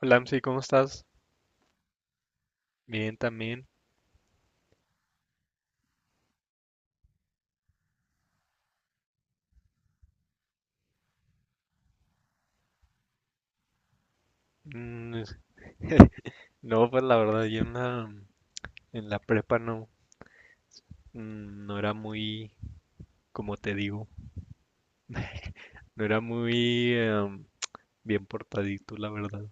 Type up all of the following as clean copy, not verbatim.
Hola, Amsi, ¿cómo estás? Bien, también. Mm, es- no, pues la verdad, yo en la prepa no, no era muy, como te digo, no era muy bien portadito, la verdad.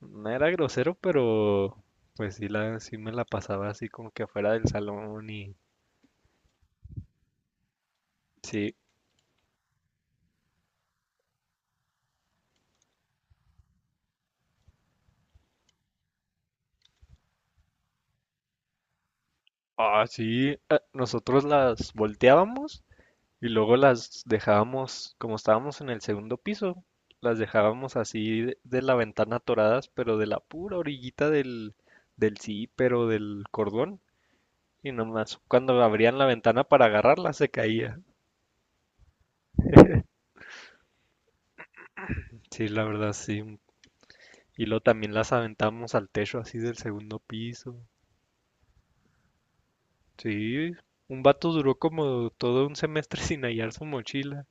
No era grosero, pero pues sí, sí me la pasaba así como que afuera del salón y sí. Ah, sí, nosotros las volteábamos. Y luego las dejábamos, como estábamos en el segundo piso, las dejábamos así de la ventana atoradas, pero de la pura orillita del, del zipper o del cordón. Y nomás cuando abrían la ventana para agarrarla se caía. Sí, la verdad, sí. Y luego también las aventamos al techo así del segundo piso. Sí, un vato duró como todo un semestre sin hallar su mochila.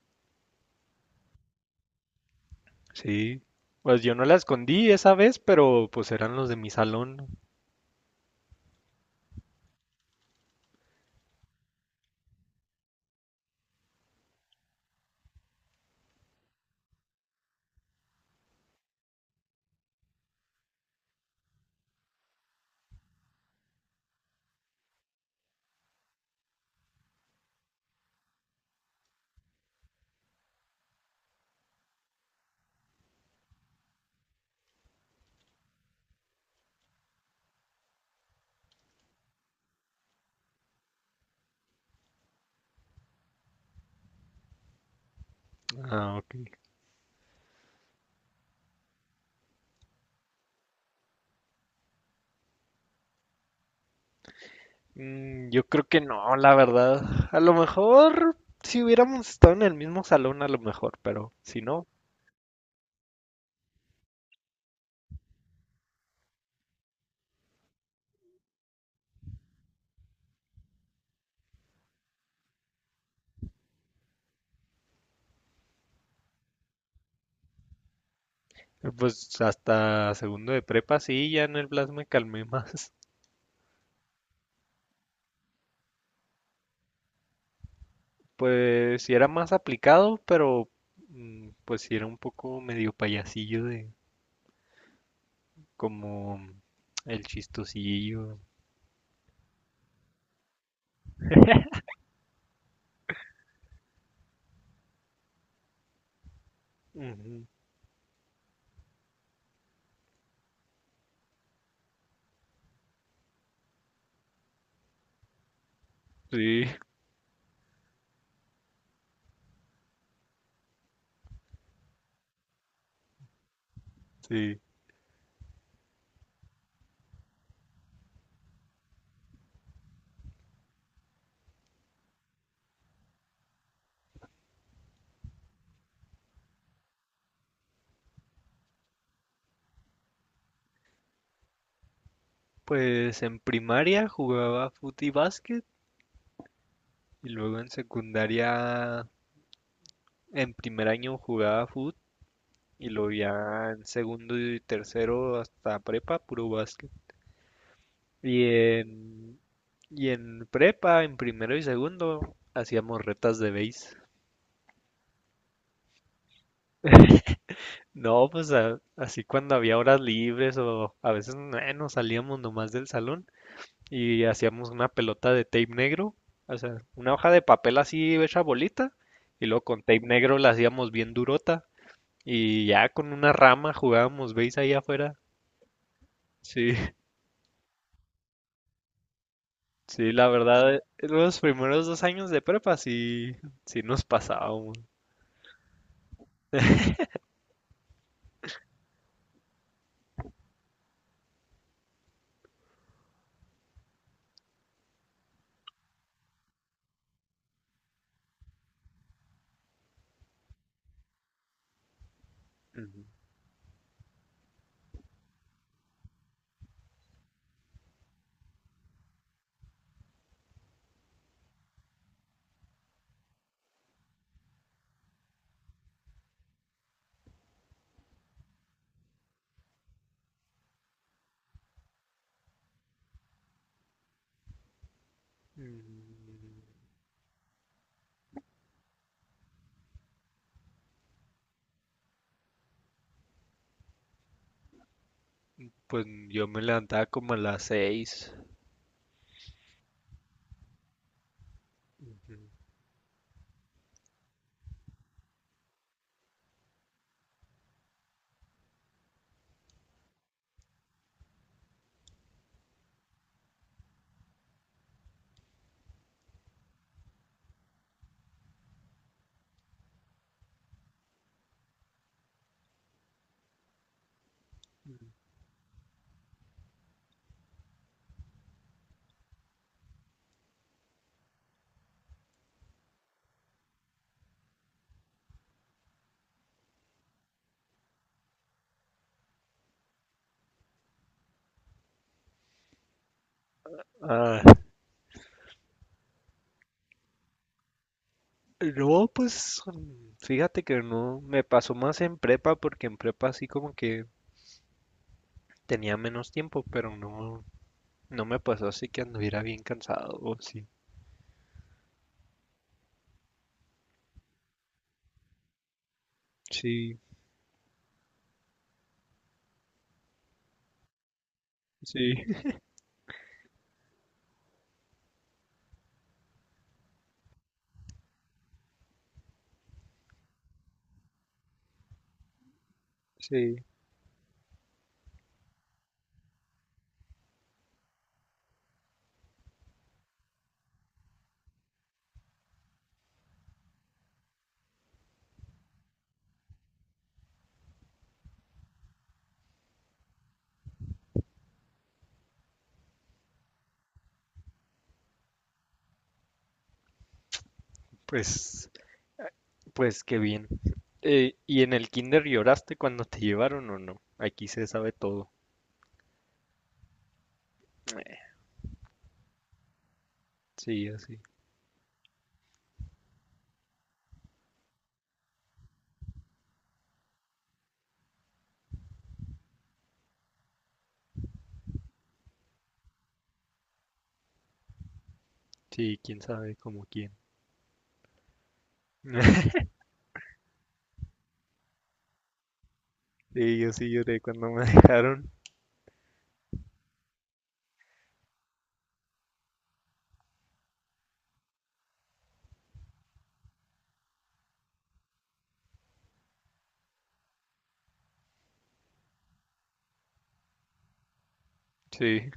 Sí. Pues yo no la escondí esa vez, pero pues eran los de mi salón. Ah, ok. Mm, yo creo que no, la verdad. A lo mejor si hubiéramos estado en el mismo salón, a lo mejor, pero si no… Pues hasta segundo de prepa sí, ya en el Blas me calmé más. Pues sí era más aplicado, pero pues sí era un poco medio payasillo de como el chistosillo. Ujú. Sí, sí. Pues en primaria jugaba fut y básquet, y luego en secundaria, en primer año jugaba fútbol. Y lo vi ya en segundo y tercero hasta prepa, puro básquet. Y en, y en prepa, en primero y segundo, hacíamos retas de base. No, pues así cuando había horas libres o a veces nos salíamos nomás del salón y hacíamos una pelota de tape negro, o sea, una hoja de papel así hecha bolita, y luego con tape negro la hacíamos bien durota, y ya con una rama jugábamos base ahí afuera. Sí, sí, la verdad, los primeros dos años de prepa sí, sí nos pasábamos. Ujú. Mm, pues yo me levantaba como a las 6. Ah, no, pues fíjate que no, me pasó más en prepa porque en prepa así como que tenía menos tiempo, pero no, no me pasó así que anduviera bien cansado, o sí. Sí, sí, sí. Pues, pues qué bien. ¿Y en el kinder lloraste cuando te llevaron o no? Aquí se sabe todo. Sí, así. Sí, quién sabe como quién. Sí, yo sí lloré cuando me dejaron. Sí,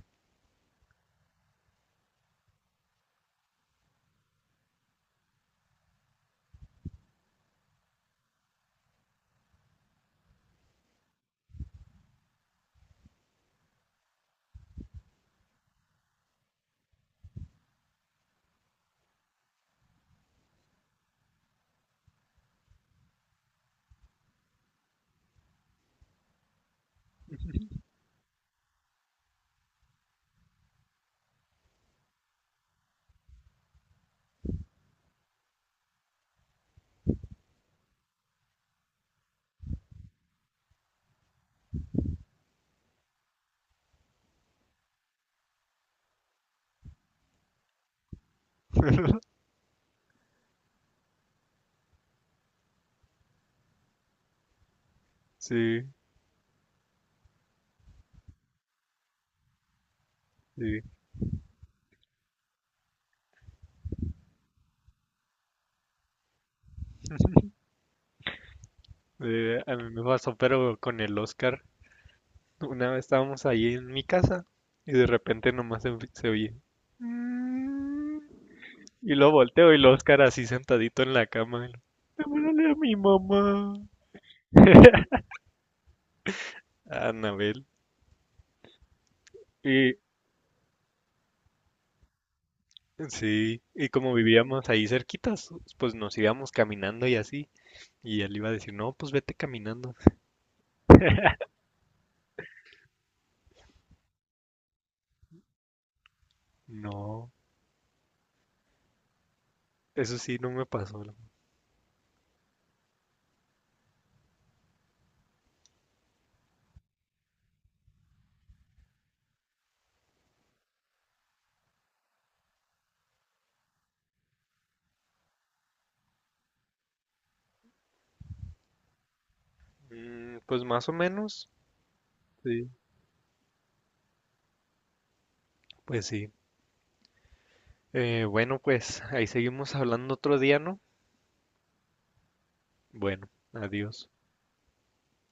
sí, sí. A mí me pasó, pero con el Oscar. Una vez estábamos ahí en mi casa y de repente nomás se oye. "Mm". Y lo volteo y el Oscar así sentadito en la cama. Y devuélvele a mi mamá. A Anabel. Y sí, y como vivíamos ahí cerquitas, pues nos íbamos caminando y así. Y él iba a decir, no, pues vete caminando. No, eso sí, no me pasó. Mm, pues más o menos, sí, pues sí. Bueno, pues ahí seguimos hablando otro día, ¿no? Bueno, adiós.